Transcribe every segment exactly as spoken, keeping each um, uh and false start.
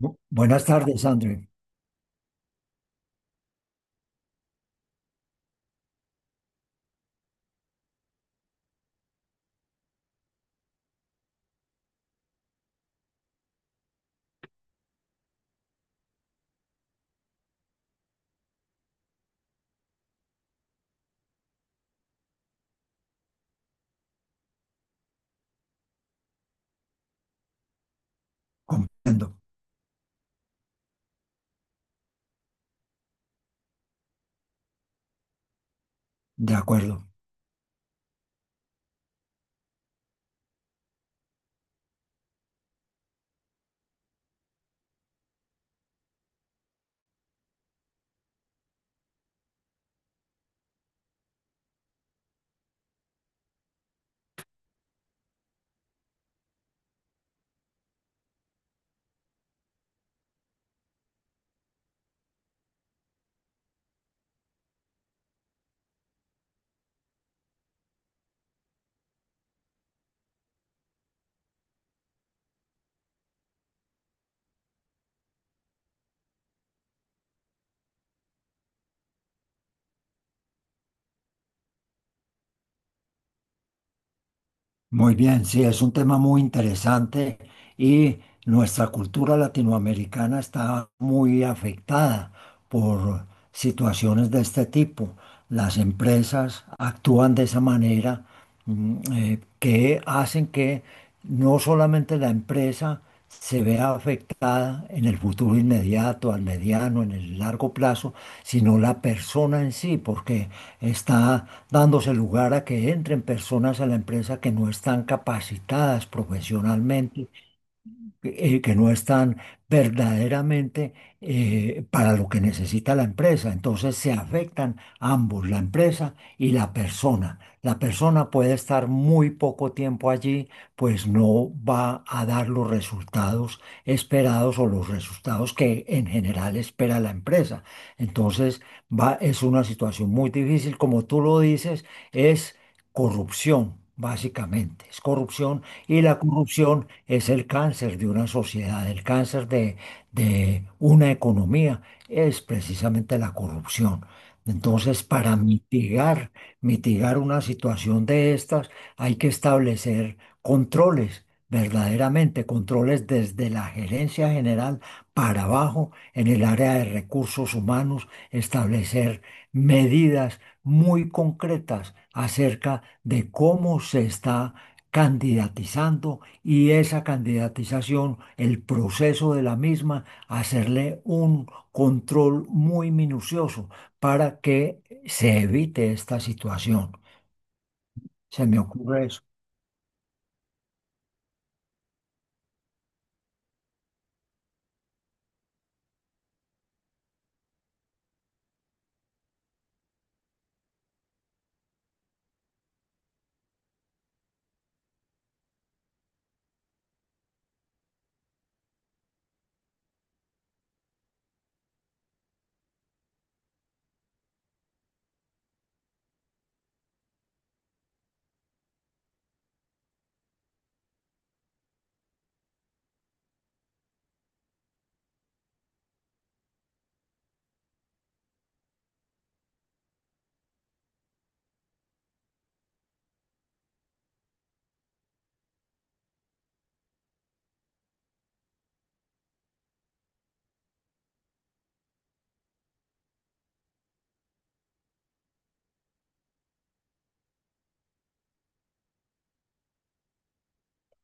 Bu- Buenas tardes, André. Comprendo. De acuerdo. Muy bien, sí, es un tema muy interesante y nuestra cultura latinoamericana está muy afectada por situaciones de este tipo. Las empresas actúan de esa manera mm, eh, que hacen que no solamente la empresa se vea afectada en el futuro inmediato, al mediano, en el largo plazo, sino la persona en sí, porque está dándose lugar a que entren personas a la empresa que no están capacitadas profesionalmente, eh, que no están verdaderamente eh, para lo que necesita la empresa. Entonces se afectan ambos, la empresa y la persona. La persona puede estar muy poco tiempo allí, pues no va a dar los resultados esperados o los resultados que en general espera la empresa. Entonces va, es una situación muy difícil, como tú lo dices, es corrupción, básicamente. Es corrupción y la corrupción es el cáncer de una sociedad, el cáncer de, de una economía es precisamente la corrupción. Entonces, para mitigar, mitigar una situación de estas, hay que establecer controles, verdaderamente controles desde la gerencia general para abajo, en el área de recursos humanos, establecer medidas muy concretas acerca de cómo se está candidatizando, y esa candidatización, el proceso de la misma, hacerle un control muy minucioso para que se evite esta situación. Se me ocurre eso.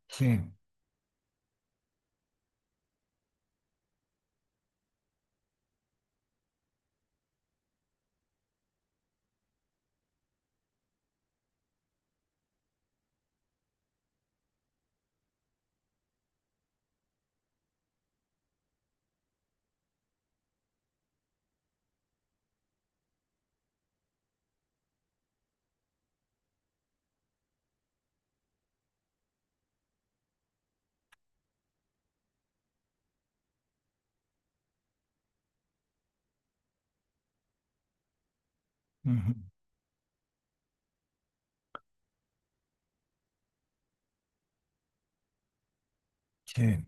Sí, ujú, sí,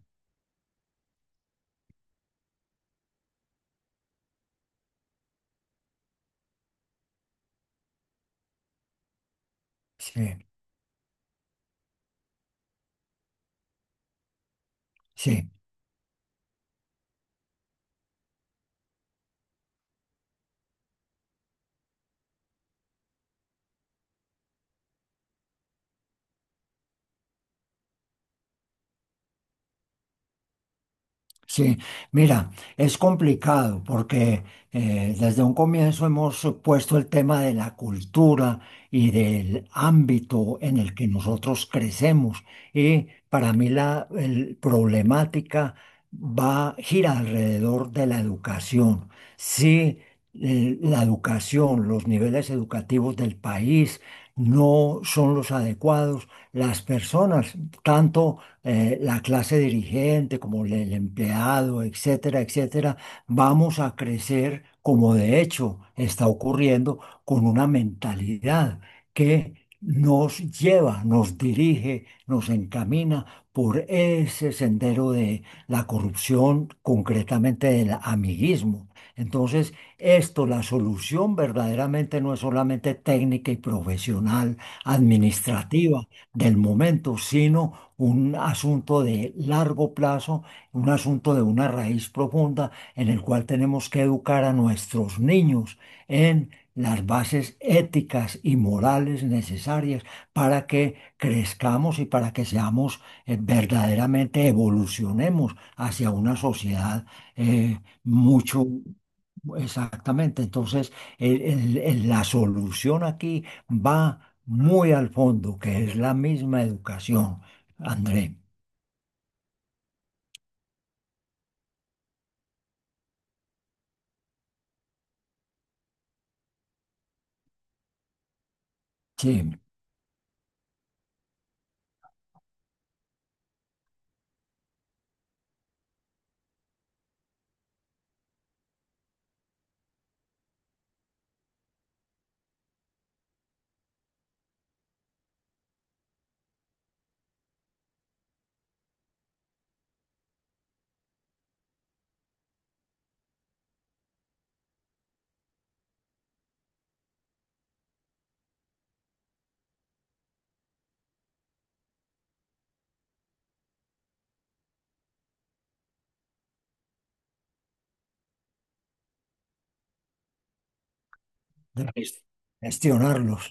sí, sí. Sí, mira, es complicado porque eh, desde un comienzo hemos puesto el tema de la cultura y del ámbito en el que nosotros crecemos. Y para mí la el- problemática va, gira alrededor de la educación. Si eh, la educación, los niveles educativos del país no son los adecuados, las personas, tanto eh, la clase dirigente, como el, el empleado, etcétera, etcétera, vamos a crecer, como de hecho está ocurriendo, con una mentalidad que nos lleva, nos dirige, nos encamina por ese sendero de la corrupción, concretamente del amiguismo. Entonces, esto, la solución verdaderamente no es solamente técnica y profesional, administrativa, del momento, sino un asunto de largo plazo, un asunto de una raíz profunda en el cual tenemos que educar a nuestros niños en las bases éticas y morales necesarias para que crezcamos y para que seamos eh, verdaderamente evolucionemos hacia una sociedad eh, mucho... Exactamente, entonces el- el- el- la solución aquí va muy al fondo, que es la misma educación, André. Sí, de gestionarlos.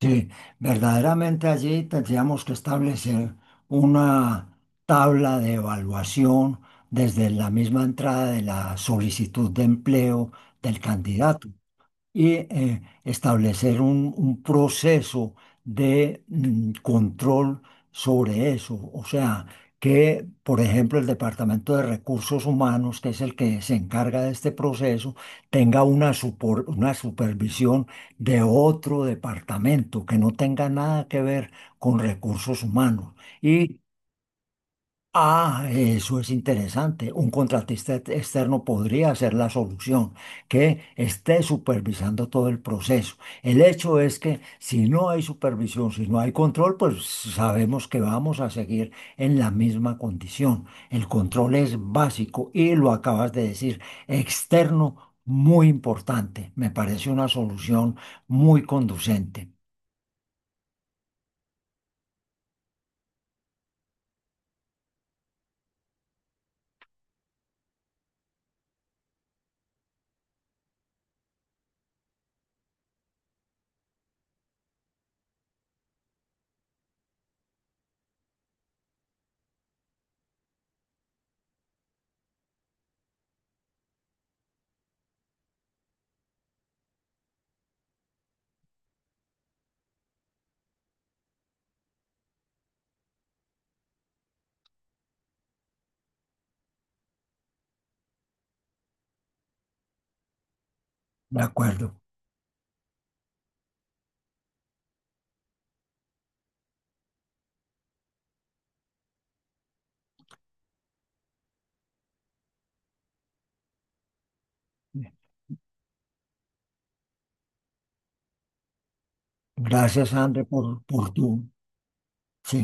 Sí, verdaderamente allí tendríamos que establecer una tabla de evaluación desde la misma entrada de la solicitud de empleo del candidato. Y eh, establecer un, un proceso de mm, control sobre eso. O sea, que, por ejemplo, el Departamento de Recursos Humanos, que es el que se encarga de este proceso, tenga una, supor- una supervisión de otro departamento que no tenga nada que ver con recursos humanos. Y... Ah, eso es interesante. Un contratista ex- externo podría ser la solución, que esté supervisando todo el proceso. El hecho es que si no hay supervisión, si no hay control, pues sabemos que vamos a seguir en la misma condición. El control es básico, y lo acabas de decir, externo muy importante. Me parece una solución muy conducente. De acuerdo. Gracias, André, por, por tu... Sí.